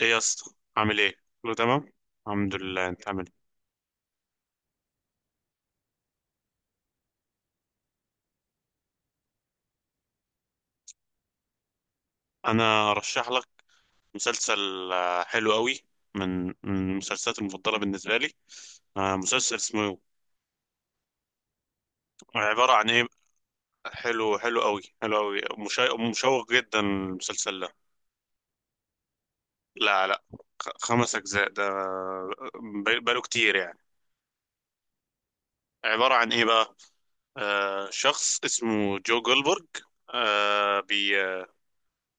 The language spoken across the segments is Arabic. ايه يا اسطى، عامل ايه؟ كله تمام، الحمد لله. انت عامل ايه؟ انا ارشح لك مسلسل حلو قوي، من المسلسلات المفضله بالنسبه لي. مسلسل اسمه، عباره عن ايه؟ حلو، حلو قوي، مشوق جدا المسلسل ده. لا لا، خمس اجزاء ده، بقاله كتير يعني. عباره عن ايه بقى؟ شخص اسمه جو جولبرج،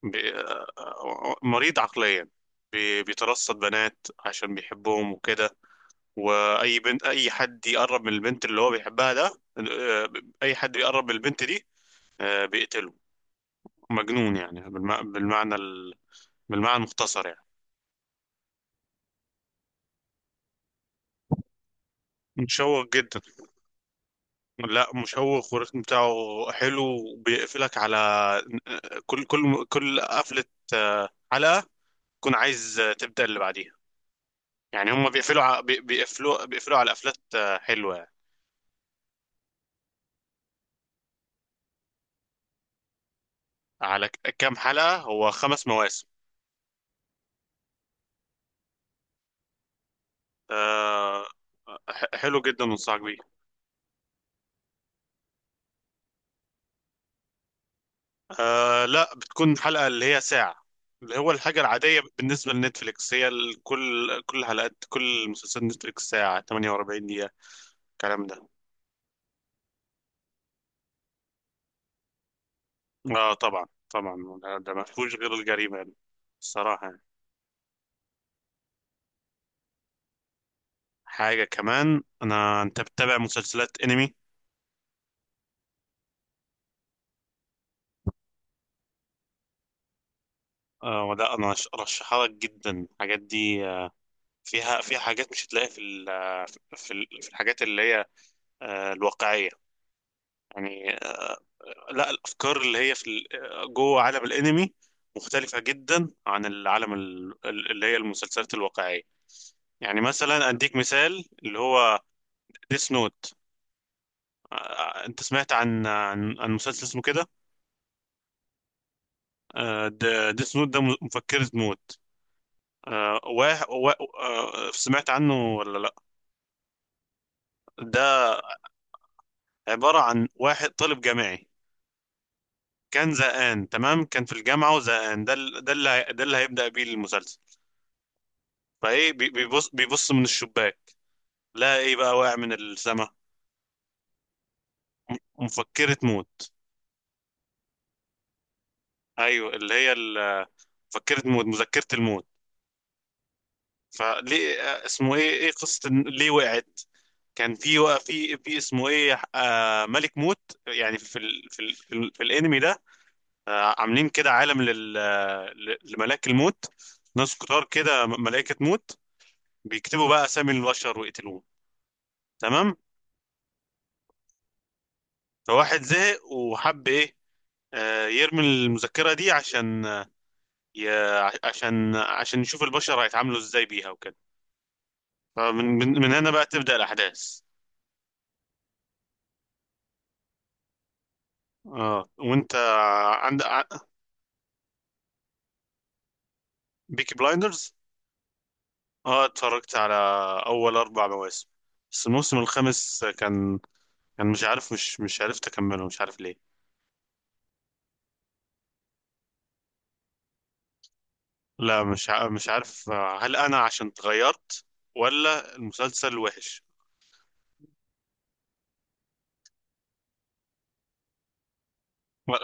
بي... آه، مريض عقليا، بيترصد بنات عشان بيحبهم وكده. واي بنت، اي حد يقرب من البنت اللي هو بيحبها ده، آه، اي حد بيقرب من البنت دي، بيقتله. مجنون يعني، بالمعنى المختصر يعني. مشوق جدا. لا، مشوق والريتم بتاعه حلو، وبيقفلك على كل قفلة حلقة تكون عايز تبدأ اللي بعديها. يعني هم بيقفلوا بيقفلوا على قفلات حلوة يعني. على كام حلقة؟ هو خمس مواسم. آه. حلو جدا، انصحك بيه. لا، بتكون حلقة اللي هي ساعة، اللي هو الحاجة العادية بالنسبة لنتفليكس. هي كل حلقات كل مسلسل نتفليكس ساعة 48 دقيقة، الكلام ده. اه طبعا طبعا، ده ما فيهوش غير الجريمة يعني. الصراحة يعني. حاجة كمان. انا، انت بتتابع مسلسلات انمي؟ ولا؟ انا ارشحها لك جدا الحاجات دي. فيها حاجات مش هتلاقيها في الحاجات اللي هي الواقعية يعني. لا، الأفكار اللي هي في ال- آه، جوه عالم الأنمي مختلفة جدا عن العالم، اللي هي المسلسلات الواقعية يعني. مثلا أديك مثال، اللي هو ديس نوت. أنت سمعت عن عن مسلسل اسمه كده؟ ديس نوت ده مفكرة موت. واحد سمعت عنه ولا لا؟ ده عبارة عن واحد طالب جامعي كان زهقان. تمام، كان في الجامعة وزهقان. ده ال- ده اللي هي- ده اللي هيبدأ بيه المسلسل. فايه بيبص من الشباك. لا ايه بقى؟ واقع من السما، م- مفكرة موت. ايوه، اللي هي مفكرة موت، مذكرة الموت. فليه اسمه ايه، ايه قصة ليه وقعت؟ كان في، وقع في اسمه ايه ملك موت. يعني في الانمي ده، آه، عاملين كده عالم لملاك الموت. ناس كتار كده، ملائكة موت بيكتبوا بقى اسامي البشر ويقتلوهم، تمام. فواحد زهق وحب ايه، يرمي المذكرة دي عشان ي... عشان يشوف البشر هيتعاملوا ازاي بيها وكده. فمن من, من هنا بقى تبدأ الأحداث. اه، وانت؟ عند ع- بيكي بلايندرز. اه، اتفرجت على أول أربع مواسم، بس الموسم الخامس كان، كان مش عارف، مش عرفت أكمله، مش عارف ليه. لا، مش مش عارف هل أنا عشان اتغيرت، ولا المسلسل وحش.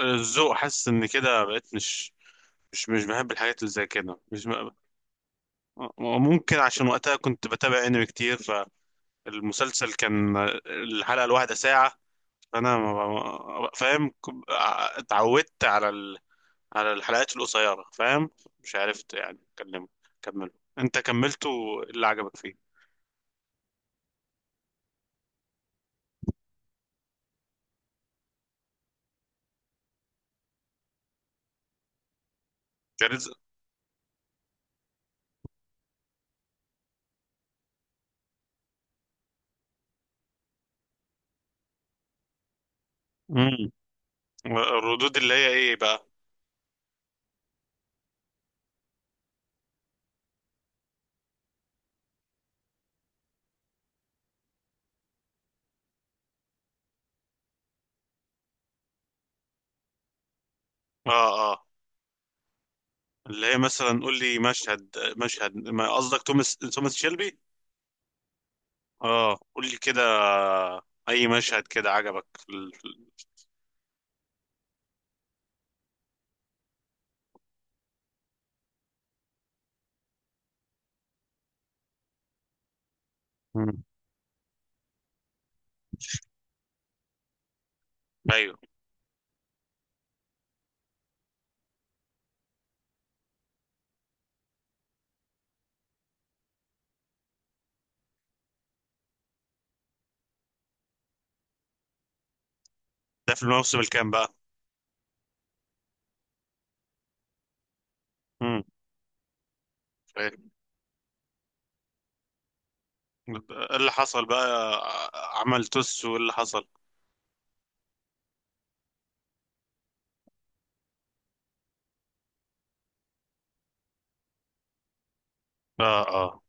الذوق، حاسس إن كده بقيت مش بحب الحاجات اللي زي كده، مش ممكن. عشان وقتها كنت بتابع انمي كتير، فالمسلسل كان الحلقة الواحدة ساعة، فانا فاهم، اتعودت على على الحلقات القصيرة، فاهم، مش عرفت يعني اكلمه، كمله. انت كملته؟ اللي عجبك فيه؟ كاريزما. امم. الردود اللي هي ايه بقى؟ اه اه. اللي هي مثلا، قول لي مشهد، مشهد ما قصدك توماس، شيلبي؟ اه، قول لي كده، اي مشهد كده عجبك في مم. ايوه، ده في الموسم الكام بقى؟ امم. ايه اللي حصل بقى؟ عمل توس واللي حصل. اه اه.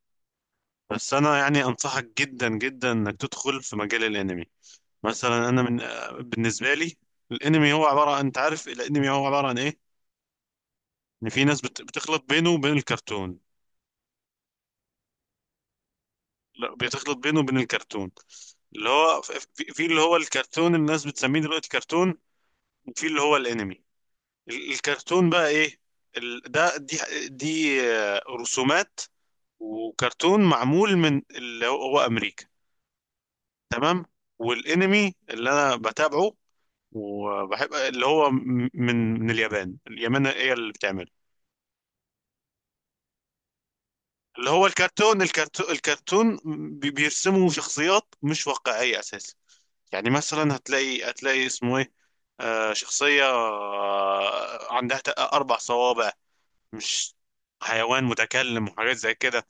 بس انا يعني انصحك جدا جدا انك تدخل في مجال الانمي. مثلا انا من بالنسبه لي الانمي هو عباره عن، انت عارف الانمي هو عباره عن ايه؟ ان في ناس بتخلط بينه وبين الكرتون. لا، بتخلط بينه وبين الكرتون. اللي هو في، اللي هو الكرتون الناس بتسميه دلوقتي كرتون، وفي اللي هو الانمي. الكرتون بقى ايه؟ ال- ده دي دي رسومات، وكرتون معمول من اللي هو امريكا. تمام. والانمي اللي انا بتابعه وبحب، اللي هو من اليابان. اليابان هي اللي بتعمله. اللي هو الكرتون بيرسموا شخصيات مش واقعية اساسا. يعني مثلا، هتلاقي اسمه ايه، شخصية عندها اربع صوابع، مش حيوان متكلم وحاجات زي كده.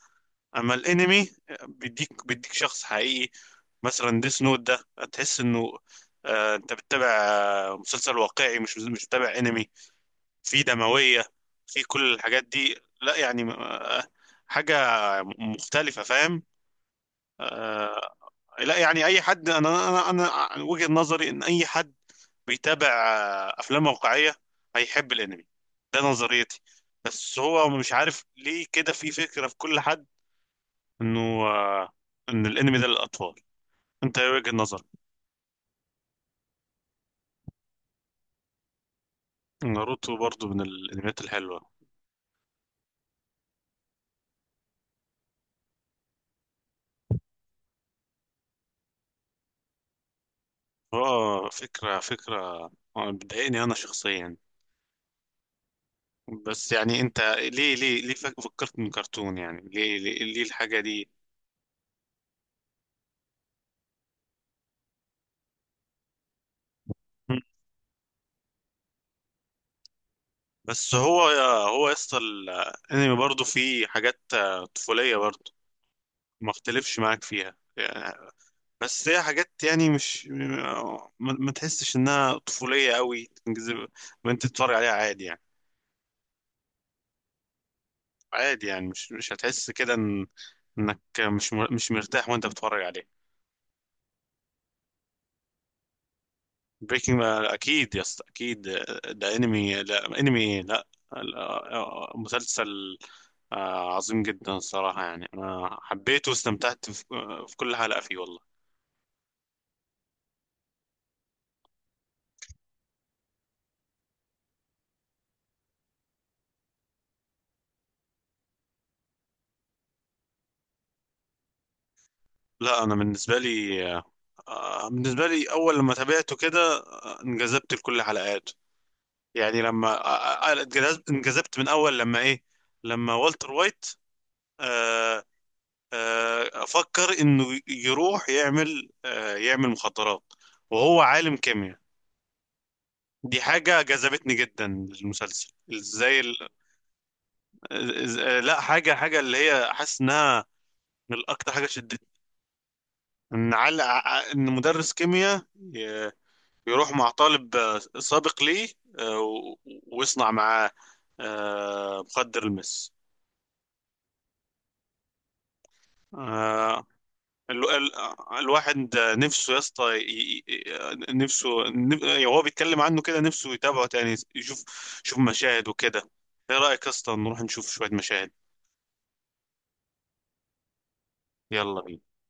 اما الانمي، بيديك شخص حقيقي. مثلا ديس نوت ده، تحس انه انت بتتابع مسلسل واقعي، مش بتتابع انمي. في دموية، في كل الحاجات دي. لا يعني، حاجة مختلفة، فاهم. آه لا يعني اي حد، انا عن وجهة نظري ان اي حد بيتابع افلام واقعية هيحب الانمي. ده نظريتي، بس هو مش عارف ليه كده في فكرة في كل حد انه آه، ان الانمي ده للاطفال. انت ايه وجهة نظرك؟ ناروتو برضو من الانميات الحلوه. اه، فكره فكره بتضايقني انا شخصيا. بس يعني انت، ليه ليه ليه فكرت من كرتون يعني؟ ليه الحاجه دي؟ مم. بس هو يا اسطى الانمي برضو فيه حاجات طفوليه برضو، ما اختلفش معاك فيها يعني. بس هي حاجات يعني مش آه، ما, ما تحسش انها طفوليه قوي، تنجذب وانت تتفرج عليها عادي يعني. عادي يعني مش هتحس كده إنك مش مرتاح وأنت بتتفرج عليه. بريكنج؟ أكيد يا اسطى، أكيد. ده أنمي؟ لا، أنمي إيه؟ لا، لا، مسلسل عظيم جدا الصراحة. يعني أنا حبيته واستمتعت في كل حلقة فيه، والله. لا، أنا بالنسبة لي، أول لما تابعته كده انجذبت لكل حلقاته. يعني لما انجذبت من أول لما إيه، لما والتر وايت آه، افكر انه يروح يعمل يعمل مخدرات، وهو عالم كيمياء. دي حاجة جذبتني جدا للمسلسل، ازاي ال... إز... آه، لا، حاجة اللي هي، حاسس انها الاكتر حاجة شدتني، ان مدرس كيمياء ي- يروح مع طالب سابق ليه آه، و- ويصنع معاه مخدر المس. آه، ال... ال... الواحد نفسه يا اسطى، يعني هو بيتكلم عنه كده، نفسه يتابعه تاني، يشوف مشاهد وكده. ايه رأيك يا اسطى، نروح نشوف شوية مشاهد؟ يلا بينا.